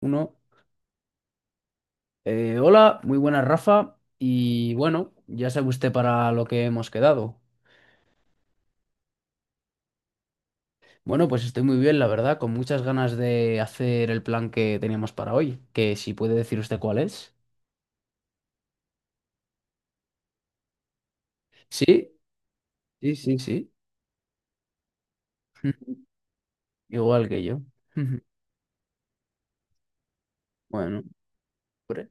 Uno. Hola, muy buenas, Rafa. Y bueno, ya sabe usted para lo que hemos quedado. Bueno, pues estoy muy bien, la verdad, con muchas ganas de hacer el plan que teníamos para hoy. Que si puede decir usted cuál es. Sí, sí, sí, sí. Igual que yo. Bueno, hombre,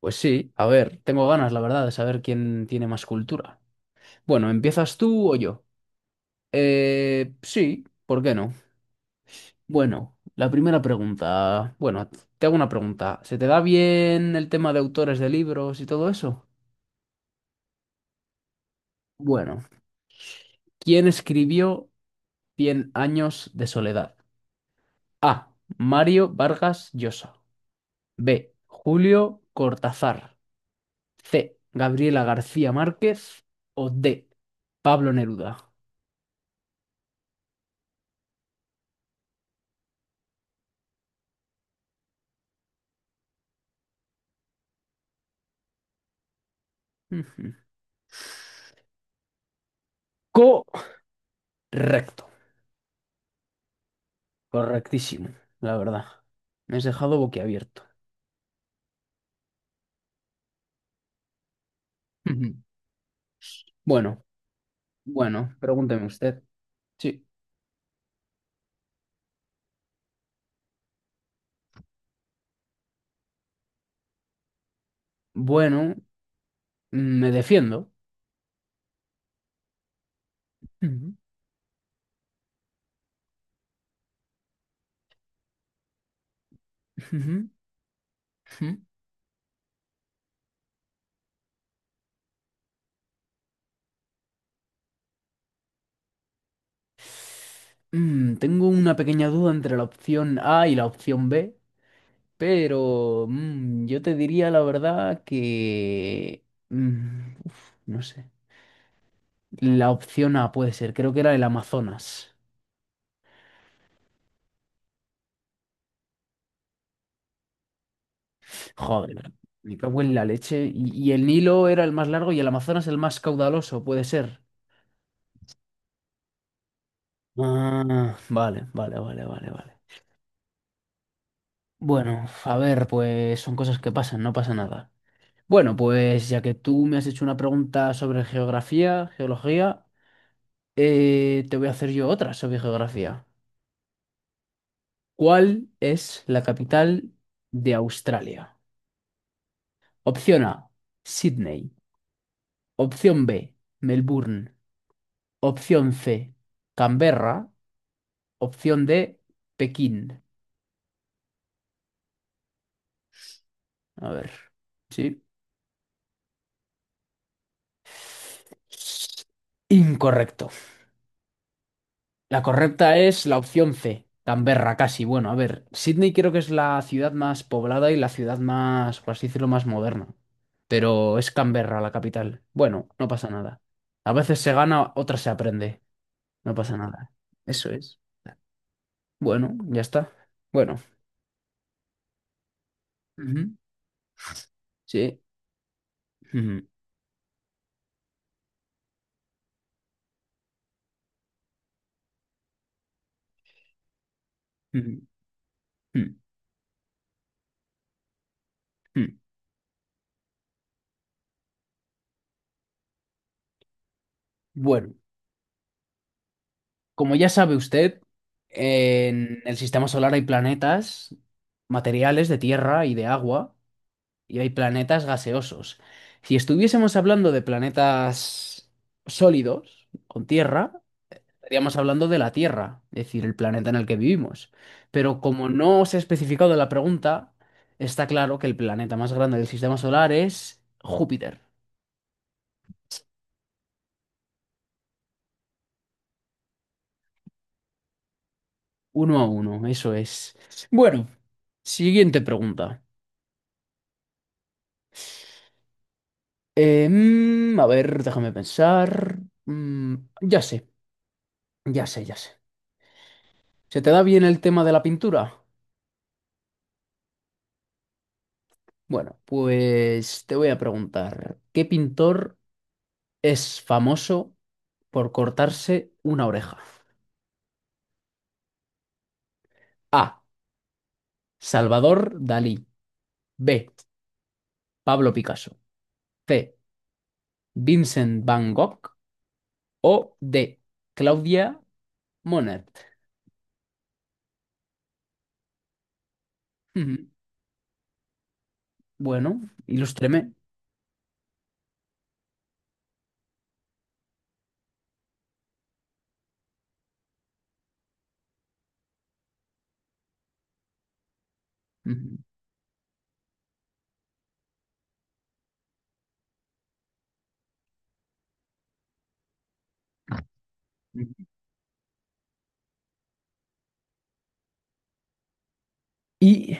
pues sí. A ver, tengo ganas, la verdad, de saber quién tiene más cultura. Bueno, ¿empiezas tú o yo? Sí, ¿por qué no? Bueno, la primera pregunta. Bueno, te hago una pregunta. ¿Se te da bien el tema de autores de libros y todo eso? Bueno, ¿quién escribió Cien años de soledad? A. Mario Vargas Llosa. B. Julio Cortázar. C. Gabriela García Márquez. O D. Pablo Neruda. Ujú. Correcto. Correctísimo, la verdad. Me has dejado boquiabierto. Ujú. Bueno, bueno, pregúnteme usted. Sí. Bueno, me defiendo. Ujú, ujú, ujú. Tengo una pequeña duda entre la opción A y la opción B, pero yo te diría la verdad que uf, no sé. La opción A puede ser, creo que era el Amazonas. Joder, me cago en la leche. Y el Nilo era el más largo y el Amazonas el más caudaloso, puede ser. Ah, vale, vale, vale, vale, vale. Bueno, a ver, pues son cosas que pasan, no pasa nada. Bueno, pues ya que tú me has hecho una pregunta sobre geografía, geología, te voy a hacer yo otra sobre geografía. ¿Cuál es la capital de Australia? Opción A, Sydney. Opción B, Melbourne. Opción C, Canberra. Opción D, Pekín. A ver, sí. Incorrecto. La correcta es la opción C, Canberra, casi. Bueno, a ver, Sydney creo que es la ciudad más poblada y la ciudad más, por así decirlo, más moderna. Pero es Canberra la capital. Bueno, no pasa nada. A veces se gana, otras se aprende. No pasa nada. Eso es. Bueno, ya está. Bueno. Ujú, sí. Ujú, ujú, ujú, ujú. Bueno, como ya sabe usted, en el sistema solar hay planetas, materiales de tierra y de agua, y hay planetas gaseosos. Si estuviésemos hablando de planetas sólidos, con tierra, estaríamos hablando de la Tierra, es decir, el planeta en el que vivimos. Pero como no se ha especificado en la pregunta, está claro que el planeta más grande del sistema solar es Júpiter. 1-1, eso es. Bueno, siguiente pregunta. A ver, déjame pensar. Mm, ya sé, ya sé, ya sé. ¿Se te da bien el tema de la pintura? Bueno, pues te voy a preguntar, ¿qué pintor es famoso por cortarse una oreja? A. Salvador Dalí. B. Pablo Picasso. C. Vincent Van Gogh. O D. Claudia Monet. Ujú. Bueno, ilústreme. Ujú. Y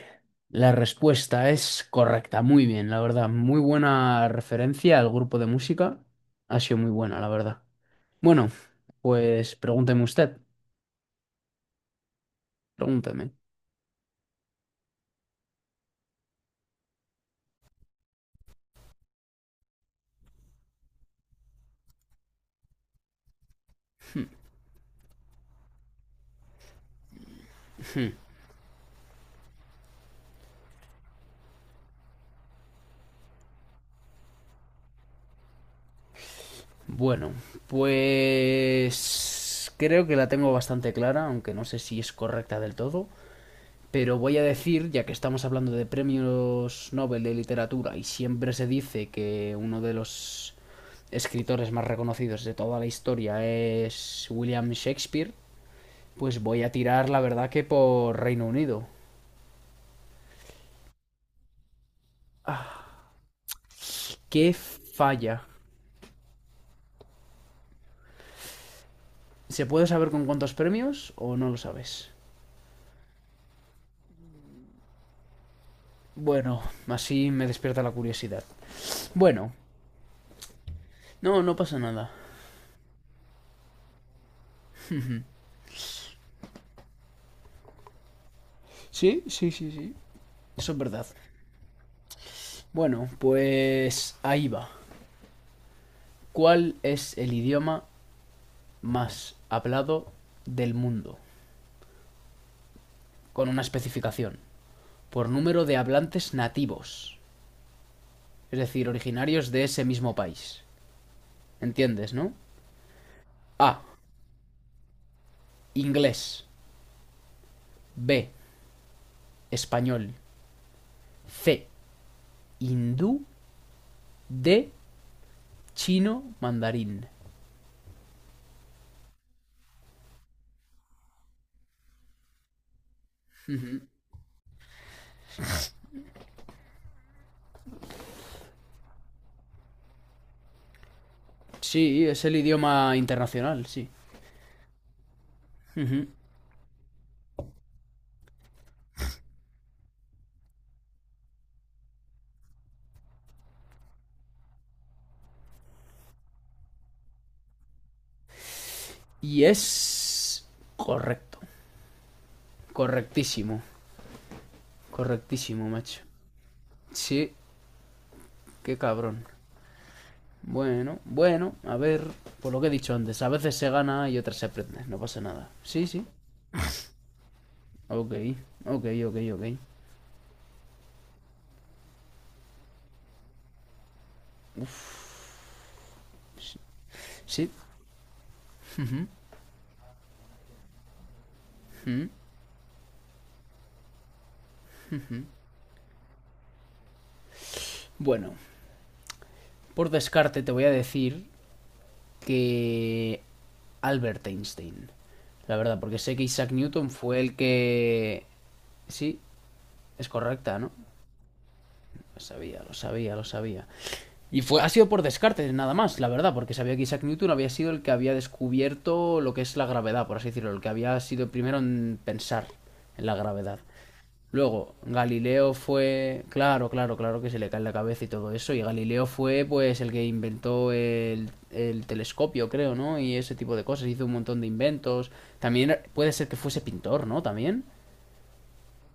la respuesta es correcta, muy bien, la verdad. Muy buena referencia al grupo de música. Ha sido muy buena, la verdad. Bueno, pues pregúnteme usted, pregúnteme. Bueno, pues creo que la tengo bastante clara, aunque no sé si es correcta del todo, pero voy a decir, ya que estamos hablando de premios Nobel de literatura y siempre se dice que uno de los escritores más reconocidos de toda la historia es William Shakespeare, pues voy a tirar la verdad que por Reino Unido. Ah, qué falla. ¿Se puede saber con cuántos premios o no lo sabes? Bueno, así me despierta la curiosidad. Bueno, no, no pasa nada. Sí, sí, sí, sí. Eso es verdad. Bueno, pues ahí va. ¿Cuál es el idioma más hablado del mundo? Con una especificación. Por número de hablantes nativos. Es decir, originarios de ese mismo país. ¿Entiendes, no? A. Inglés. B. Español. C. Hindú. D. Chino mandarín. Sí, es el idioma internacional, sí. Ujú. Y es correcto, correctísimo, correctísimo, macho. Sí, qué cabrón. Bueno, bueno, a ver, por lo que he dicho antes, a veces se gana y otras se aprende, no pasa nada. Sí, sí, ok, ok, ok, ok. Sí, mm. Bueno, por descarte te voy a decir que Albert Einstein, la verdad, porque sé que Isaac Newton fue el que... Sí, es correcta, ¿no? Lo sabía, lo sabía, lo sabía. Y ha sido por descarte, nada más, la verdad, porque sabía que Isaac Newton había sido el que había descubierto lo que es la gravedad, por así decirlo, el que había sido el primero en pensar en la gravedad. Luego, Galileo fue. Claro, claro, claro que se le cae en la cabeza y todo eso. Y Galileo fue, pues, el que inventó el telescopio, creo, ¿no? Y ese tipo de cosas. Hizo un montón de inventos. También puede ser que fuese pintor, ¿no? También.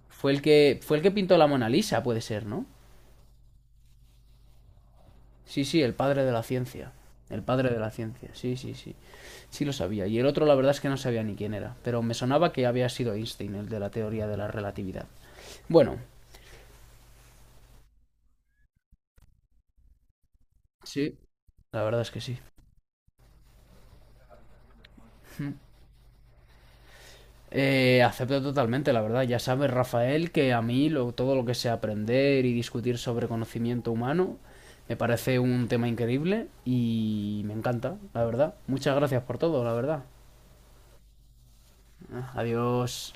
Fue el que pintó la Mona Lisa, puede ser, ¿no? Sí, sí, el padre de la ciencia. El padre de la ciencia, sí, sí, sí. Sí lo sabía. Y el otro la verdad es que no sabía ni quién era, pero me sonaba que había sido Einstein, el de la teoría de la relatividad. Bueno, sí, la verdad es que sí. Acepto totalmente, la verdad. Ya sabes, Rafael, que a mí todo lo que sea aprender y discutir sobre conocimiento humano me parece un tema increíble y me encanta, la verdad. Muchas gracias por todo, la verdad. Ah, adiós.